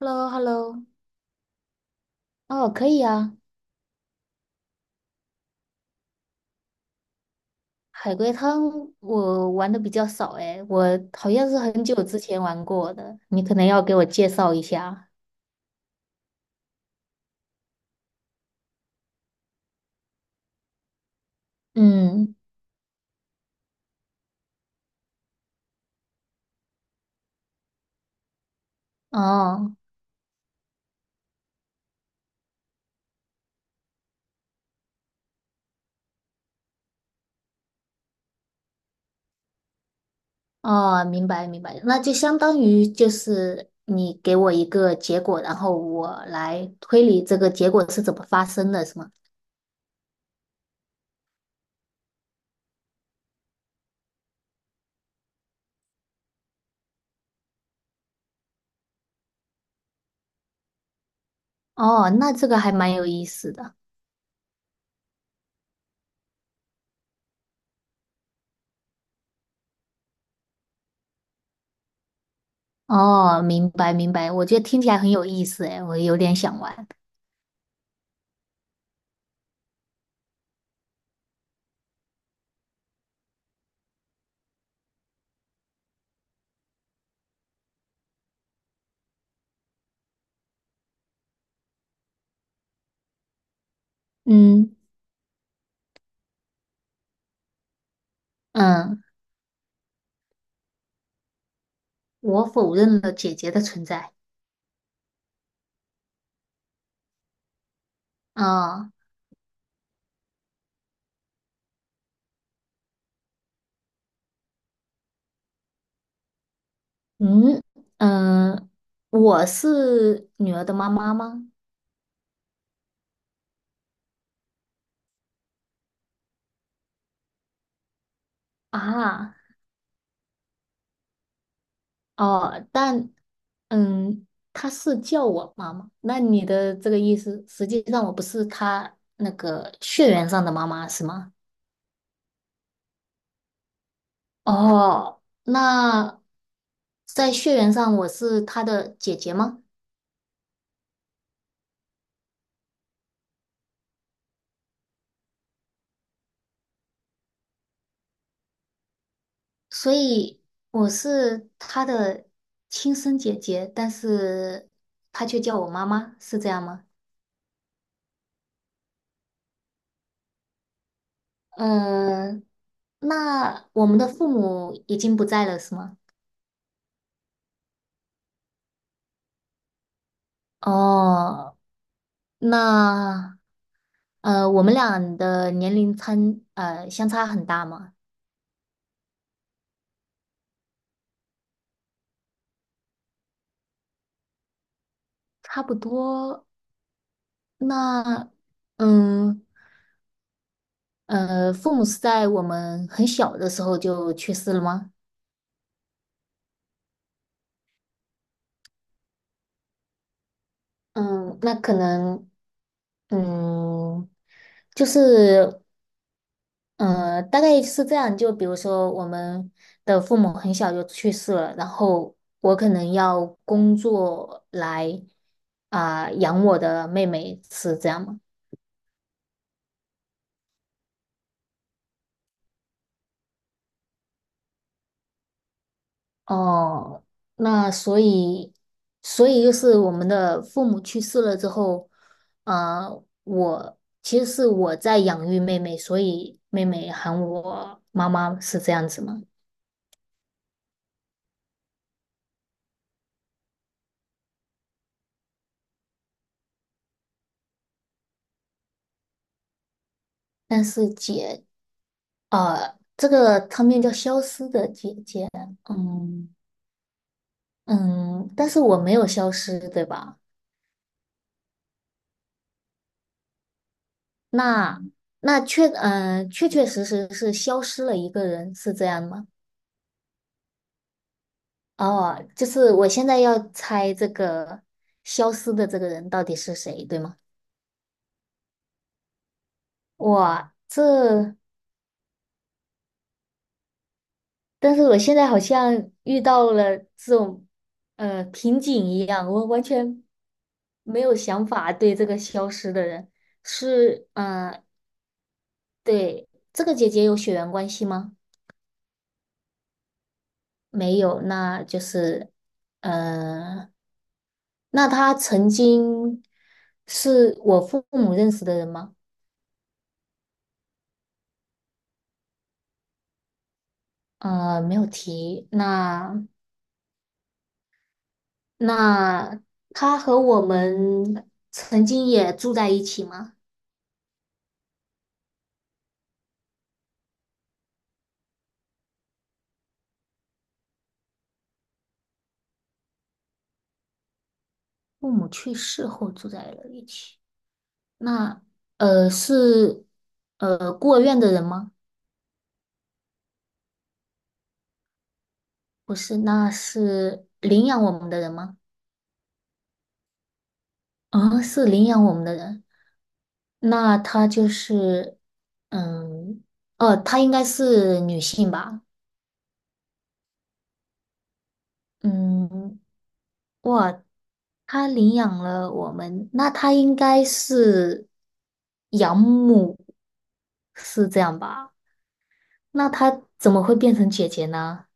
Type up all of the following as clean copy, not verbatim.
h e l l o h e l l o 哦，可以啊。海龟汤我玩的比较少诶，我好像是很久之前玩过的，你可能要给我介绍一下。嗯，哦，哦，明白明白，那就相当于就是你给我一个结果，然后我来推理这个结果是怎么发生的，是吗？哦，那这个还蛮有意思的。哦，明白明白，我觉得听起来很有意思诶，我有点想玩。嗯嗯，我否认了姐姐的存在。啊，嗯嗯，我是女儿的妈妈吗？啊，哦，但嗯，她是叫我妈妈。那你的这个意思，实际上我不是她那个血缘上的妈妈，是吗？哦，那在血缘上我是她的姐姐吗？所以我是她的亲生姐姐，但是她却叫我妈妈，是这样吗？嗯，那我们的父母已经不在了，是吗？哦，那呃，我们俩的年龄差相差很大吗？差不多。那嗯，父母是在我们很小的时候就去世了吗？嗯，那可能嗯，就是。呃，大概是这样。就比如说，我们的父母很小就去世了，然后我可能要工作来啊、养我的妹妹，是这样吗？哦，那所以，所以就是我们的父母去世了之后，呃，我其实是我在养育妹妹，所以妹妹喊我妈妈是这样子吗？但是姐呃，这个汤面叫消失的姐姐，嗯嗯，但是我没有消失，对吧？那那确确确实实是消失了一个人，是这样吗？哦，就是我现在要猜这个消失的这个人到底是谁，对吗？哇，这但是我现在好像遇到了这种呃瓶颈一样，我完全没有想法对这个消失的人是呃，对这个姐姐有血缘关系吗？没有，那就是呃，那她曾经是我父母认识的人吗？呃，没有提。那那她和我们曾经也住在一起吗？父母去世后住在了一起。那是呃孤儿院的人吗？不是，那是领养我们的人吗？啊、是领养我们的人。那他就是嗯哦，她应该是女性吧？嗯，哇，他领养了我们，那他应该是养母，是这样吧？那他怎么会变成姐姐呢？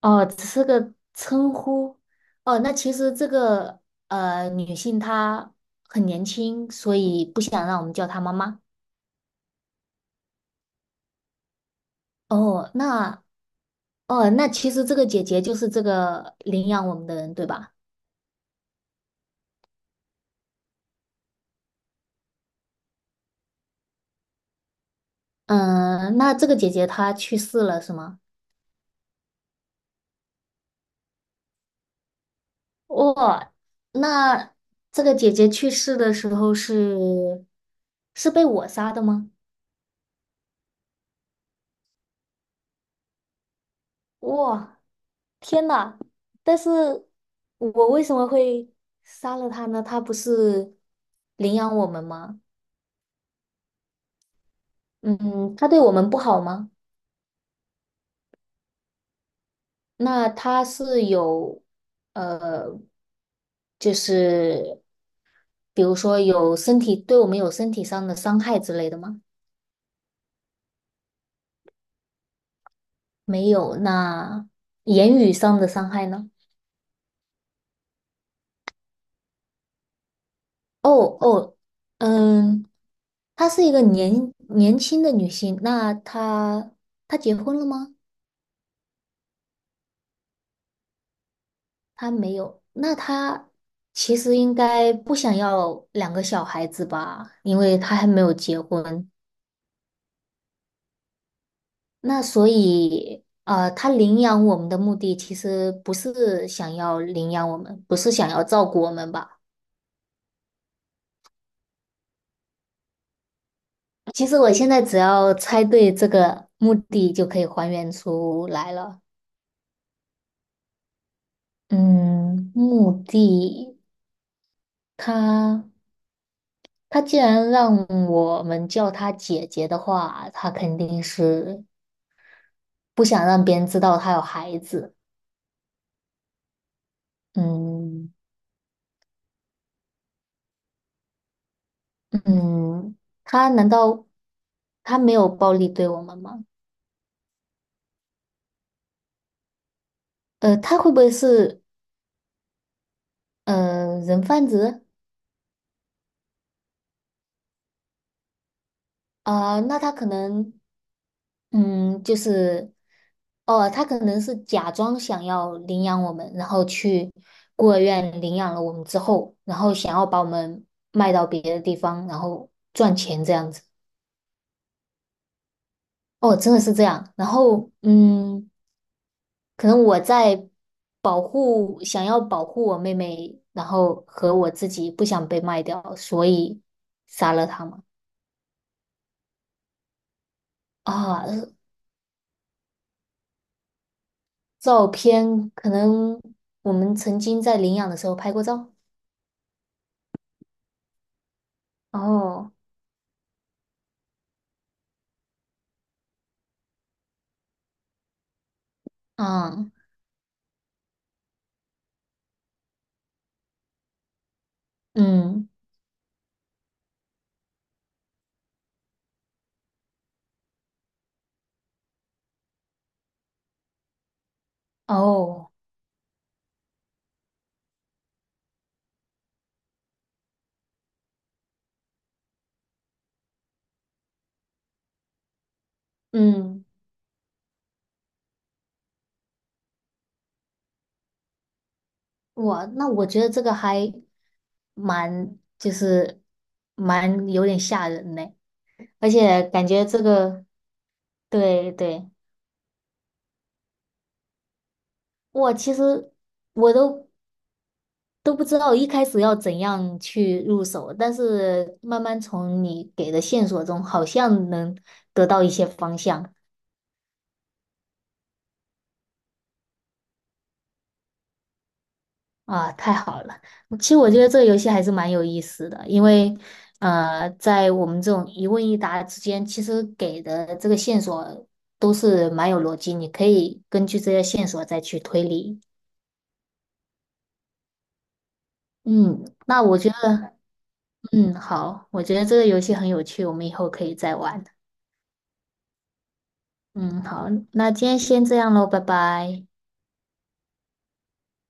哦，只是个称呼。哦，那其实这个呃女性她很年轻，所以不想让我们叫她妈妈。哦，那哦，那其实这个姐姐就是这个领养我们的人，对吧？嗯，那这个姐姐她去世了是吗？哦，那这个姐姐去世的时候是是被我杀的吗？哇，天呐！但是我为什么会杀了他呢？他不是领养我们吗？嗯，他对我们不好吗？那他是有，呃，就是比如说有身体，对我们有身体上的伤害之类的吗？没有，那言语上的伤害呢？哦哦，嗯，她是一个年年轻的女性，那她她结婚了吗？他没有，那他其实应该不想要两个小孩子吧，因为他还没有结婚。那所以，呃，他领养我们的目的其实不是想要领养我们，不是想要照顾我们吧？其实我现在只要猜对这个目的就可以还原出来了。嗯，目的他他既然让我们叫他姐姐的话，他肯定是不想让别人知道他有孩子。嗯嗯，他难道他没有暴力对我们吗？呃，他会不会是呃人贩子啊、那他可能嗯，就是哦，他可能是假装想要领养我们，然后去孤儿院领养了我们之后，然后想要把我们卖到别的地方，然后赚钱这样子。哦，真的是这样。然后嗯。可能我在保护，想要保护我妹妹，然后和我自己不想被卖掉，所以杀了她嘛。啊，照片可能我们曾经在领养的时候拍过照。哦，嗯嗯，哦，嗯，哇，那我觉得这个还蛮，就是蛮有点吓人呢，而且感觉这个，对对。我其实我都都不知道一开始要怎样去入手，但是慢慢从你给的线索中，好像能得到一些方向啊，太好了！嗯其实我觉得这个游戏还是蛮有意思的，因为呃，在我们这种一问一答之间，其实给的这个线索都是蛮有逻辑，你可以根据这些线索再去推理。嗯，那我觉得，嗯，好，我觉得这个游戏很有趣，我们以后可以再玩。嗯，好，那今天先这样喽，拜拜。